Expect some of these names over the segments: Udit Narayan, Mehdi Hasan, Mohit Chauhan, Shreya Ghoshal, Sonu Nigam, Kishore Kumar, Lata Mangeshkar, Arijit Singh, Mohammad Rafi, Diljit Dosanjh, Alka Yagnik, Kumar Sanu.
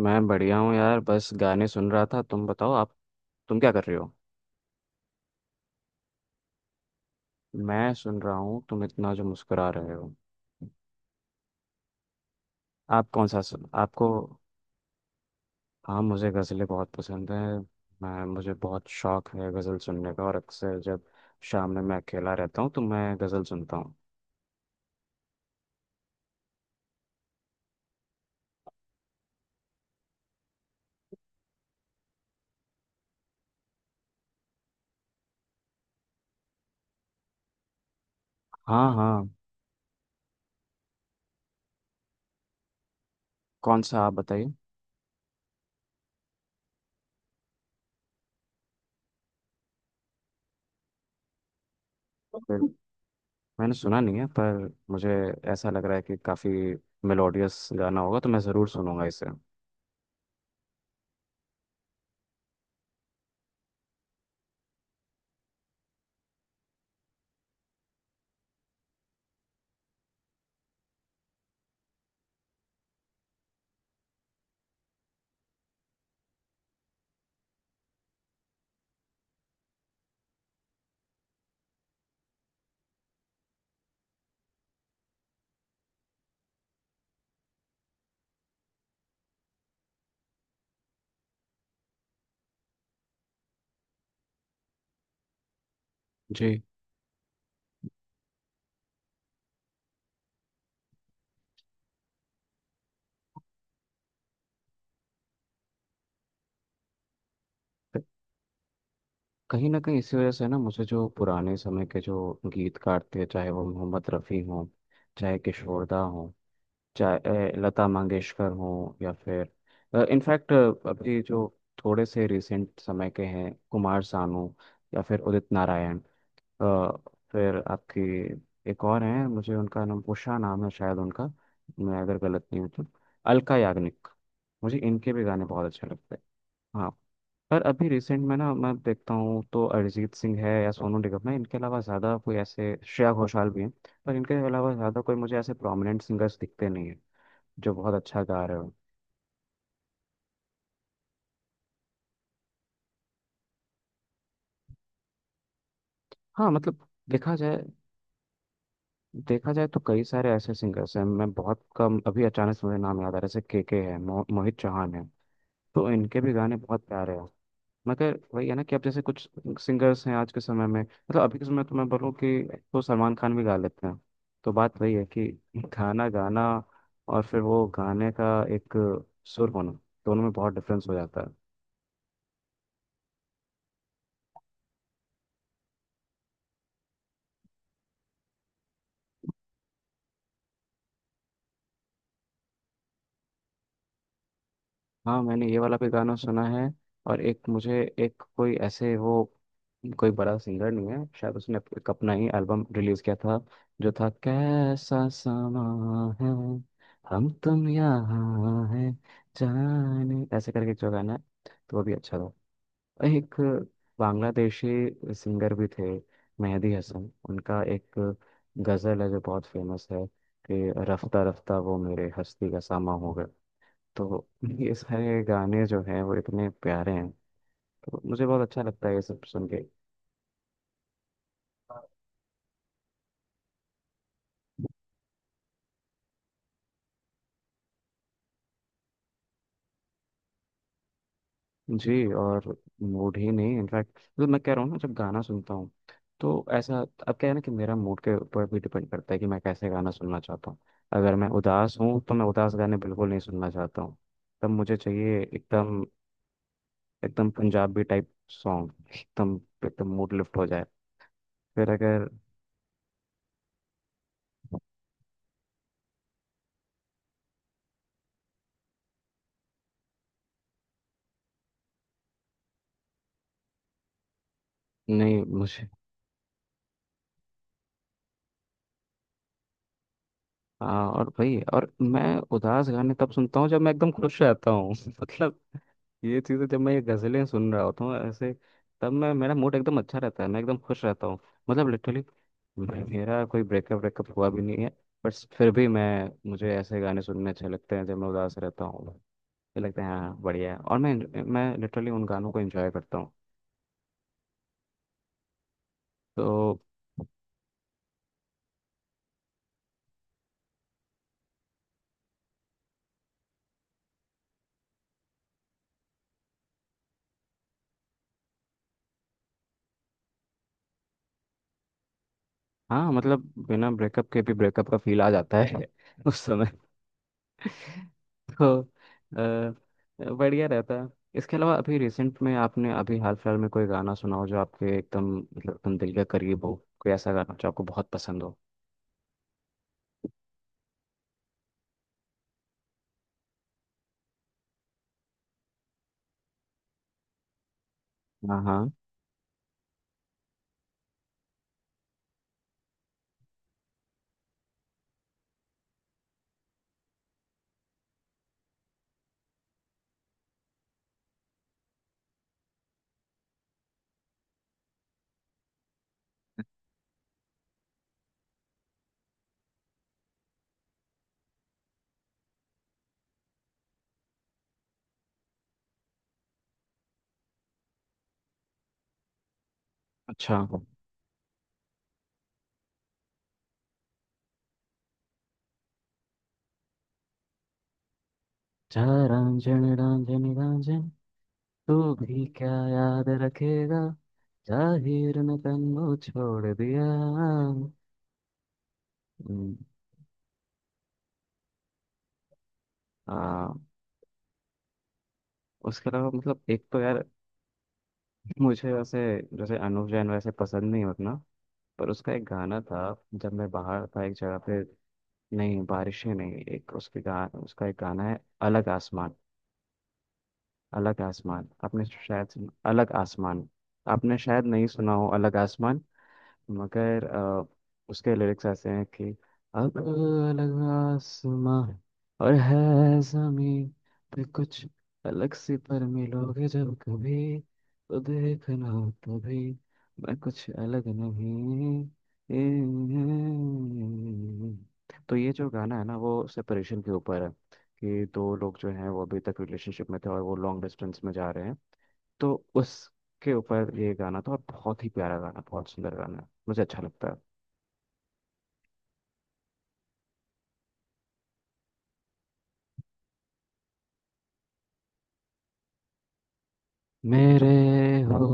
मैं बढ़िया हूँ यार, बस गाने सुन रहा था। तुम बताओ, आप तुम क्या कर रहे हो। मैं सुन रहा हूँ तुम इतना जो मुस्कुरा रहे हो। आप कौन सा सुन आपको। हाँ, मुझे गज़लें बहुत पसंद हैं। मैं मुझे बहुत शौक है गज़ल सुनने का, और अक्सर जब शाम में मैं अकेला रहता हूँ तो मैं गज़ल सुनता हूँ। हाँ हाँ। कौन सा आप बताइए। फिर मैंने सुना नहीं है, पर मुझे ऐसा लग रहा है कि काफ़ी मेलोडियस गाना होगा, तो मैं ज़रूर सुनूंगा इसे। जी, कहीं ना कहीं इसी वजह से ना मुझे जो पुराने समय के जो गीतकार थे, चाहे वो मोहम्मद रफ़ी हों, चाहे किशोरदा हों, चाहे लता मंगेशकर हों, या फिर इनफैक्ट अभी जो थोड़े से रिसेंट समय के हैं, कुमार सानू या फिर उदित नारायण। अ, फिर आपकी एक और हैं, मुझे उनका नाम उषा नाम है शायद उनका, मैं अगर गलत नहीं हूँ तो अलका याग्निक। मुझे इनके भी गाने बहुत अच्छे लगते हैं। हाँ, पर अभी रिसेंट में ना मैं देखता हूँ तो अरिजीत सिंह है या सोनू निगम है, इनके अलावा ज़्यादा कोई ऐसे, श्रेया घोषाल भी हैं, पर इनके अलावा ज़्यादा कोई मुझे ऐसे प्रोमिनेंट सिंगर्स दिखते नहीं है जो बहुत अच्छा गा रहे हो। हाँ मतलब देखा जाए, देखा जाए तो कई सारे ऐसे सिंगर्स हैं, मैं बहुत कम अभी अचानक से मुझे नाम याद आ रहा है, जैसे के है, मोहित चौहान है, तो इनके भी गाने बहुत प्यारे हैं। मगर वही है ना कि अब जैसे कुछ सिंगर्स हैं आज के समय में, मतलब अभी के समय में, तो मैं बोलूँ कि तो सलमान खान भी गा लेते हैं। तो बात वही है कि गाना गाना और फिर वो गाने का एक सुर होना, दोनों में बहुत डिफरेंस हो जाता है। हाँ, मैंने ये वाला भी गाना सुना है। और एक मुझे एक कोई ऐसे वो, कोई बड़ा सिंगर नहीं है शायद, उसने एक अपना ही एल्बम रिलीज किया था, जो था कैसा समा है, हम तुम यहाँ है, जाने ऐसे करके जो गाना है, तो वो भी अच्छा था। एक बांग्लादेशी सिंगर भी थे, मेहदी हसन, उनका एक गजल है जो बहुत फेमस है, कि रफ्ता रफ्ता वो मेरे हस्ती का सामा हो गए। तो ये सारे गाने जो हैं वो इतने प्यारे हैं, तो मुझे बहुत अच्छा लगता है ये सब सुन के। जी, और मूड ही नहीं, इनफैक्ट मतलब मैं कह रहा हूँ ना जब गाना सुनता हूँ तो ऐसा, अब क्या है ना कि मेरा मूड के ऊपर भी डिपेंड करता है कि मैं कैसे गाना सुनना चाहता हूँ। अगर मैं उदास हूँ तो मैं उदास गाने बिल्कुल नहीं सुनना चाहता हूँ। तब मुझे चाहिए एकदम, एकदम पंजाबी टाइप सॉन्ग, एकदम एकदम मूड लिफ्ट हो जाए। फिर अगर नहीं मुझे, हाँ, और भाई, और मैं उदास गाने तब सुनता हूँ जब मैं एकदम खुश रहता हूँ मतलब ये चीज़ें, जब मैं ये गजलें सुन रहा होता हूँ ऐसे, तब मैं मेरा मूड एकदम अच्छा रहता है, मैं एकदम खुश रहता हूँ। मतलब लिटरली मेरा कोई ब्रेकअप ब्रेकअप हुआ भी नहीं है, बट फिर भी मैं मुझे ऐसे गाने सुनने अच्छे लगते हैं जब मैं उदास रहता हूँ। ये लगता है हाँ बढ़िया है, और मैं लिटरली उन गानों को एंजॉय करता हूँ, तो हाँ मतलब बिना ब्रेकअप के भी ब्रेकअप का फील आ जाता है उस समय तो बढ़िया रहता है। इसके अलावा अभी रिसेंट में आपने अभी हाल फिलहाल में कोई गाना सुना हो जो आपके एकदम मतलब एकदम दिल के करीब हो, कोई ऐसा गाना जो आपको बहुत पसंद हो। हाँ हाँ, अच्छा जा, रांझन रांझन रांझन, तू भी क्या याद रखेगा, जाहिर ने तन्नो छोड़ दिया। आ, उसके अलावा मतलब एक तो यार, मुझे वैसे जैसे अनुव जैन वैसे पसंद नहीं उतना, पर उसका एक गाना था जब मैं बाहर था एक जगह पे। नहीं, बारिशें नहीं, एक उसके गा उसका एक गाना है, अलग आसमान। अलग आसमान आपने शायद सुना, अलग आसमान आपने शायद नहीं सुना हो, अलग आसमान। मगर उसके लिरिक्स ऐसे हैं कि अब अलग आसमां और है, जमीन पे कुछ अलग सी, पर मिलोगे जब कभी तो देखना तभी, मैं कुछ अलग नहीं। तो ये जो गाना है ना वो सेपरेशन के ऊपर है, कि दो लोग जो हैं वो अभी तक रिलेशनशिप में थे और वो लॉन्ग डिस्टेंस में जा रहे हैं, तो उसके ऊपर ये गाना था, और बहुत ही प्यारा गाना, बहुत सुंदर गाना है, मुझे अच्छा लगता है। मेरे हो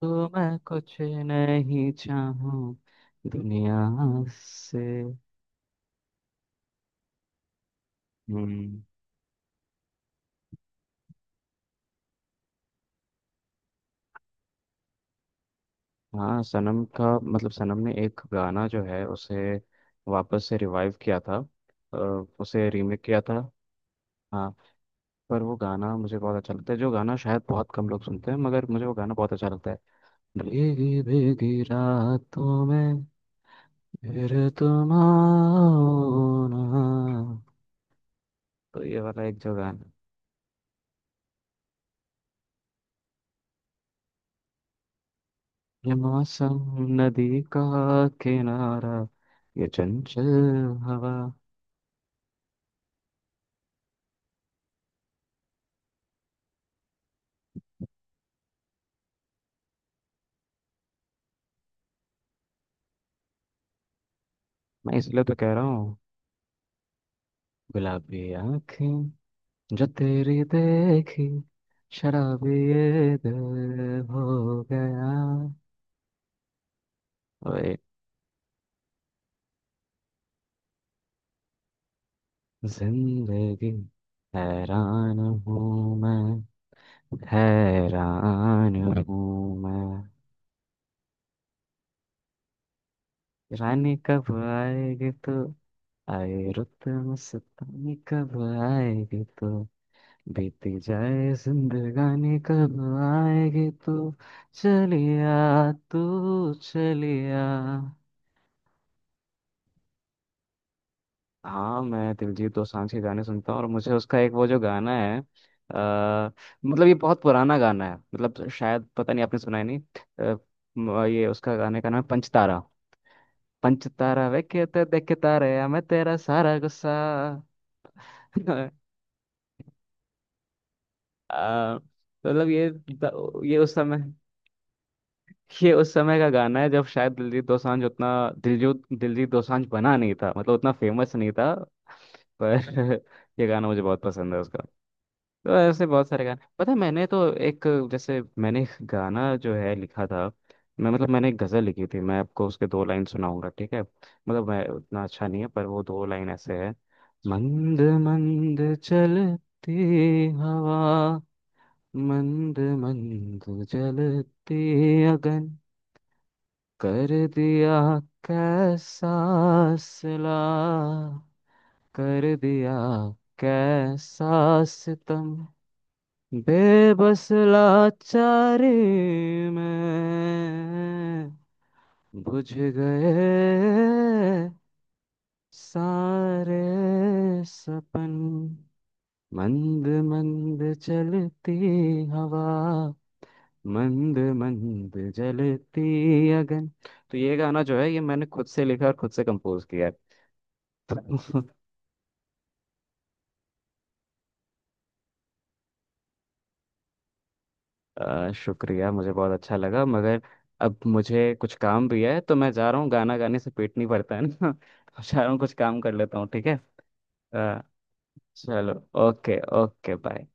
तो मैं कुछ नहीं चाहूँ दुनिया से। हम्म। हाँ, सनम का मतलब सनम ने एक गाना जो है उसे वापस से रिवाइव किया था, अ, उसे रीमेक किया था। हाँ, पर वो गाना मुझे बहुत अच्छा लगता है, जो गाना शायद बहुत कम लोग सुनते हैं, मगर मुझे वो गाना बहुत अच्छा लगता है, भीगी भीगी रातों में फिर तुम आओ ना। तो ये वाला एक जो गाना है। ये मौसम, नदी का किनारा, ये चंचल हवा। मैं इसलिए तो कह रहा हूँ, गुलाबी आंखें जो तेरी देखी, शराबी ये दिल हो गया। ओए जिंदगी, हैरान हूँ मैं, हैरान हूँ मैं। रानी कब आएगी तू, आए रुत मुस्तानी कब आएगी तो, बीती जाए जिंदगानी कब आएगी तो। चलिया, तू चलिया। हाँ मैं दिलजीत दोसांझ के गाने सुनता हूँ, और मुझे उसका एक वो जो गाना है मतलब ये बहुत पुराना गाना है, मतलब शायद पता नहीं आपने सुना है नहीं, अ, ये उसका गाने का नाम है पंचतारा। पंचतारा वे कहते देख तारे मैं तेरा सारा गुस्सा। तो मतलब ये, ये उस समय ये उस समय का गाना है जब शायद दिलजीत दोसांझ उतना, दिलजीत दिलजीत दोसांझ बना नहीं था, मतलब उतना फेमस नहीं था। पर ये गाना मुझे बहुत पसंद है उसका। तो ऐसे बहुत सारे गाने, पता है मैंने तो एक, जैसे मैंने एक गाना जो है लिखा था, मैं मतलब मैंने एक गज़ल लिखी थी, मैं आपको उसके दो लाइन सुनाऊंगा, ठीक है, मतलब मैं उतना अच्छा नहीं है, पर वो दो लाइन ऐसे है। मंद मंद चलती हवा, मंद मंद जलते अगन, कर दिया कैसा सिला, कर दिया कैसा सितम, बेबस लाचारी में बुझ गए सारे सपन। मंद मंद चलती हवा, मंद मंद जलती अगन। तो ये गाना जो है, ये मैंने खुद से लिखा और खुद से कंपोज किया है। शुक्रिया, मुझे बहुत अच्छा लगा, मगर अब मुझे कुछ काम भी है, तो मैं जा रहा हूँ, गाना गाने से पेट नहीं भरता है ना। जा रहा हूँ, कुछ काम कर लेता हूँ, ठीक है, अ, चलो, ओके ओके, बाय।